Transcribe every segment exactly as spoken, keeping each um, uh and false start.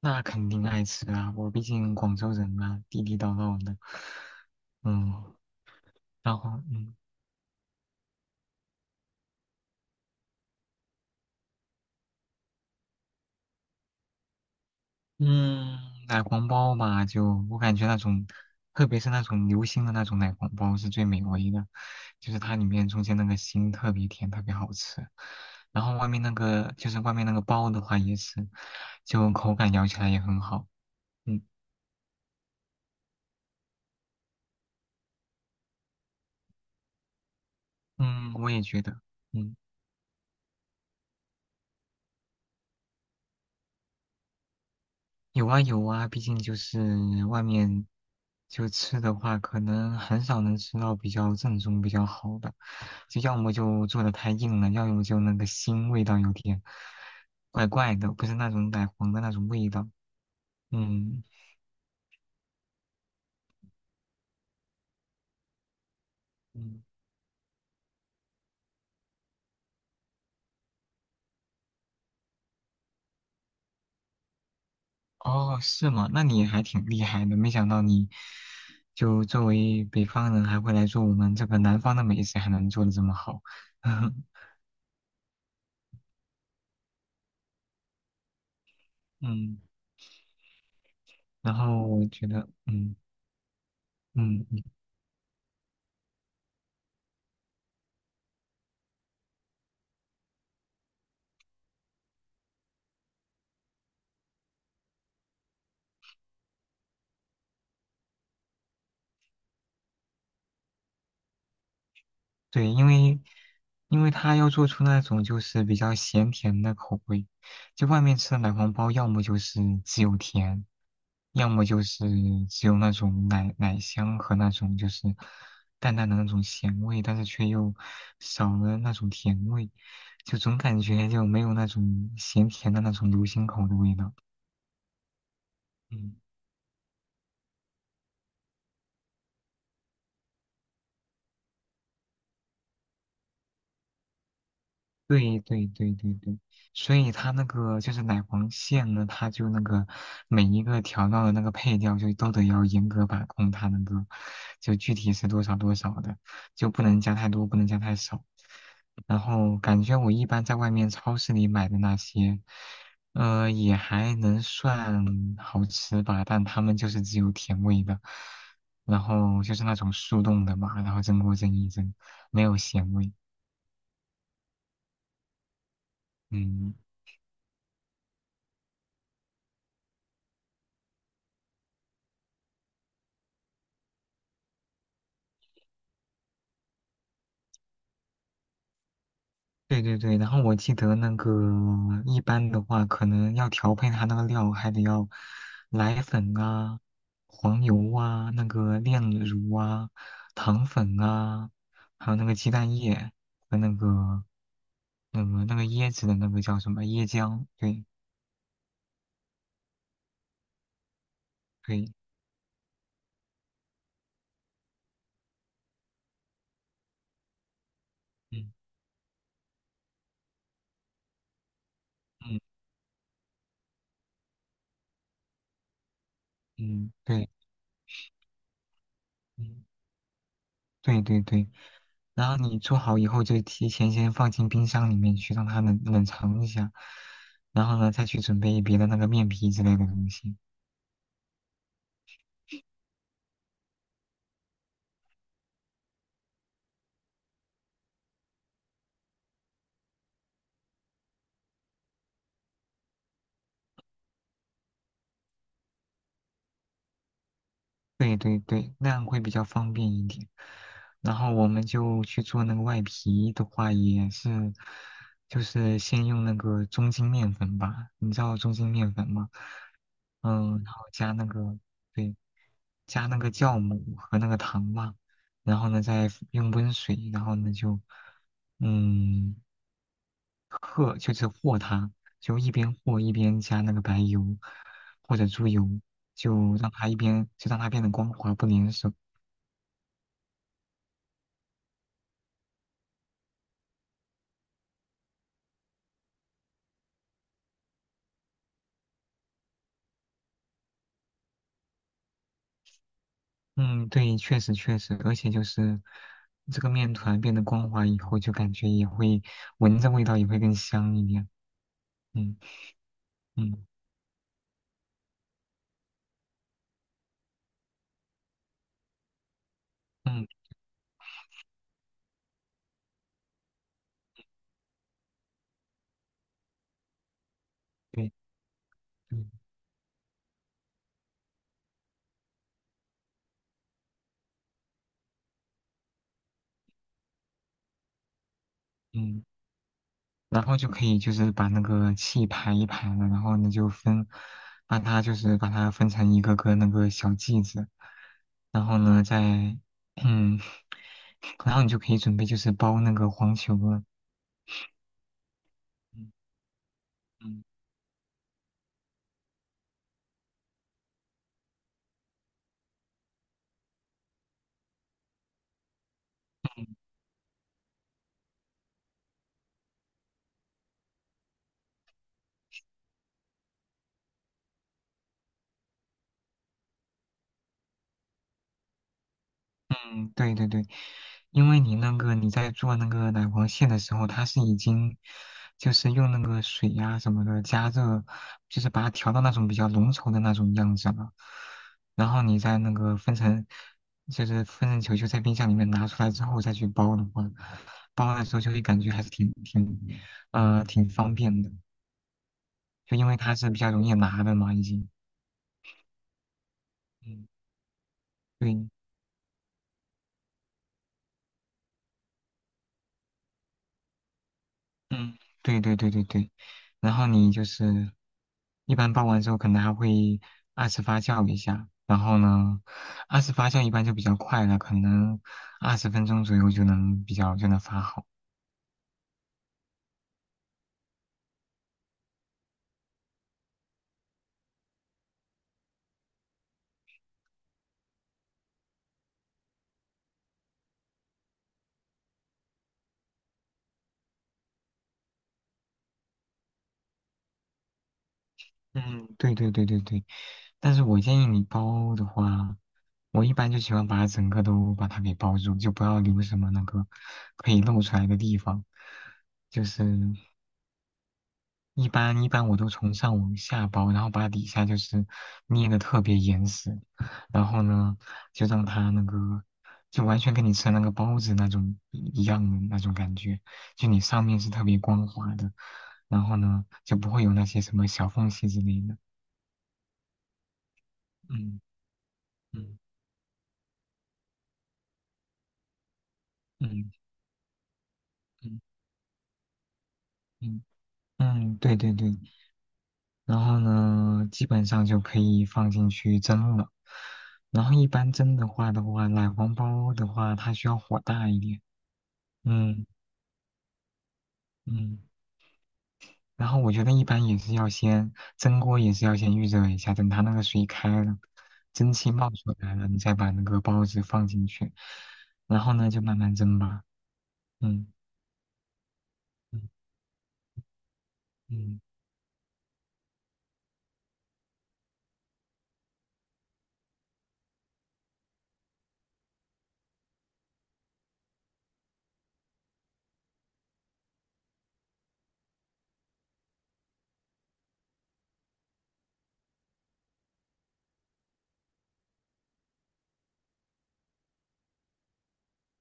那肯定爱吃啊，我毕竟广州人嘛，地地道道的。嗯，然后嗯嗯，奶黄包嘛，就我感觉那种，特别是那种流心的那种奶黄包是最美味的，就是它里面中间那个心特别甜，特别好吃。然后外面那个就是外面那个包的话也是，就口感咬起来也很好。嗯嗯，我也觉得。嗯。有啊有啊，毕竟就是外面就吃的话，可能很少能吃到比较正宗、比较好的，就要么就做的太硬了，要么就那个腥味道有点怪怪的，不是那种奶黄的那种味道。嗯嗯，哦，是吗？那你还挺厉害的，没想到你就作为北方人还会来做我们这个南方的美食，还能做的这么好。嗯，然后我觉得，嗯嗯。对，因为因为它要做出那种就是比较咸甜的口味，就外面吃的奶黄包，要么就是只有甜，要么就是只有那种奶奶香和那种就是淡淡的那种咸味，但是却又少了那种甜味，就总感觉就没有那种咸甜的那种流心口的味道。嗯对对对对对，所以它那个就是奶黄馅呢，它就那个每一个调料的那个配料就都得要严格把控，它那个就具体是多少多少的，就不能加太多，不能加太少。然后感觉我一般在外面超市里买的那些，呃，也还能算好吃吧，但它们就是只有甜味的，然后就是那种速冻的嘛，然后蒸锅蒸一蒸，没有咸味，嗯。对对对，然后我记得那个一般的话，可能要调配它那个料，还得要奶粉啊、黄油啊、那个炼乳啊、糖粉啊，还有那个鸡蛋液和那个那个那个椰子的那个叫什么椰浆？对对，嗯嗯嗯，对。嗯对对对，然后你做好以后就提前先放进冰箱里面去，让它冷冷藏一下，然后呢再去准备别的那个面皮之类的东西。对对对，那样会比较方便一点。然后我们就去做那个外皮的话，也是就是先用那个中筋面粉吧，你知道中筋面粉吗？嗯，然后加那个对，加那个酵母和那个糖嘛，然后呢再用温水，然后呢就嗯和就是和它，就一边和一边加那个白油或者猪油，就让它一边就让它变得光滑不粘手。嗯，对，确实确实，而且就是这个面团变得光滑以后，就感觉也会闻着味道也会更香一点。嗯嗯嗯，对，嗯嗯。然后就可以就是把那个气排一排了，然后呢就分，把它就是把它分成一个个那个小剂子，然后呢再，嗯，然后你就可以准备就是包那个黄球了。嗯嗯对对对，因为你那个你在做那个奶黄馅的时候，它是已经就是用那个水呀、什么的加热，就是把它调到那种比较浓稠的那种样子了。然后你再那个分成，就是分成球球在冰箱里面拿出来之后再去包的话，包的时候就会感觉还是挺挺呃挺方便的，就因为它是比较容易拿的嘛，已经。嗯，对，嗯，对对对对对，然后你就是一般包完之后，可能还会二次发酵一下，然后呢，二次发酵一般就比较快了，可能二十分钟左右就能比较就能发好。嗯，对对对对对，但是我建议你包的话，我一般就喜欢把整个都把它给包住，就不要留什么那个可以露出来的地方，就是。一般一般我都从上往下包，然后把底下就是捏的特别严实，然后呢，就让它那个就完全跟你吃那个包子那种一样的那种感觉，就你上面是特别光滑的，然后呢就不会有那些什么小缝隙之类的。嗯嗯嗯嗯嗯嗯，对对对，然后呢，基本上就可以放进去蒸了。然后一般蒸的话的话，奶黄包的话，它需要火大一点。嗯嗯，然后我觉得一般也是要先蒸锅，也是要先预热一下，等它那个水开了，蒸汽冒出来了，你再把那个包子放进去，然后呢就慢慢蒸吧。嗯嗯嗯，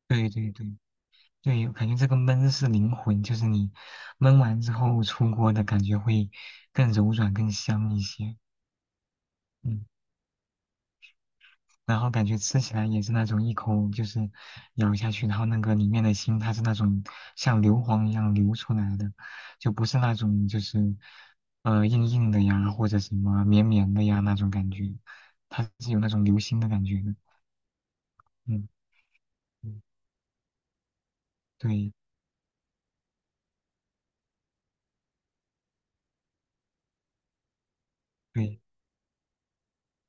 对对对对，感觉这个焖是灵魂，就是你焖完之后出锅的感觉会更柔软、更香一些。嗯。然后感觉吃起来也是那种一口就是咬下去，然后那个里面的心它是那种像硫磺一样流出来的，就不是那种就是呃硬硬的呀或者什么绵绵的呀那种感觉，它是有那种流心的感觉的。嗯，嗯对对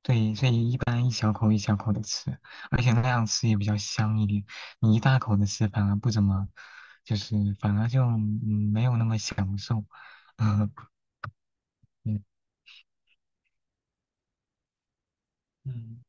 对，所以一般一小口一小口的吃，而且那样吃也比较香一点。你一大口的吃反而不怎么，就是反而就嗯没有那么享受。嗯。嗯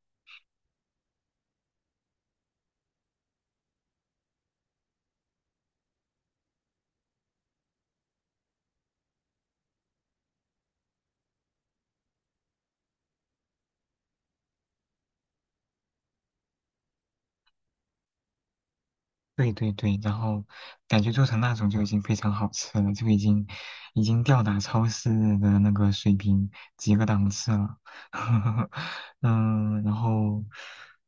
对对对，然后感觉做成那种就已经非常好吃了，就已经已经吊打超市的那个水平几个档次了。嗯，然后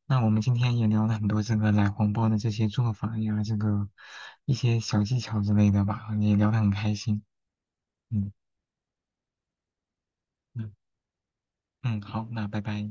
那我们今天也聊了很多这个奶黄包的这些做法呀，这个一些小技巧之类的吧，也聊得很开心。嗯嗯嗯，好，那拜拜。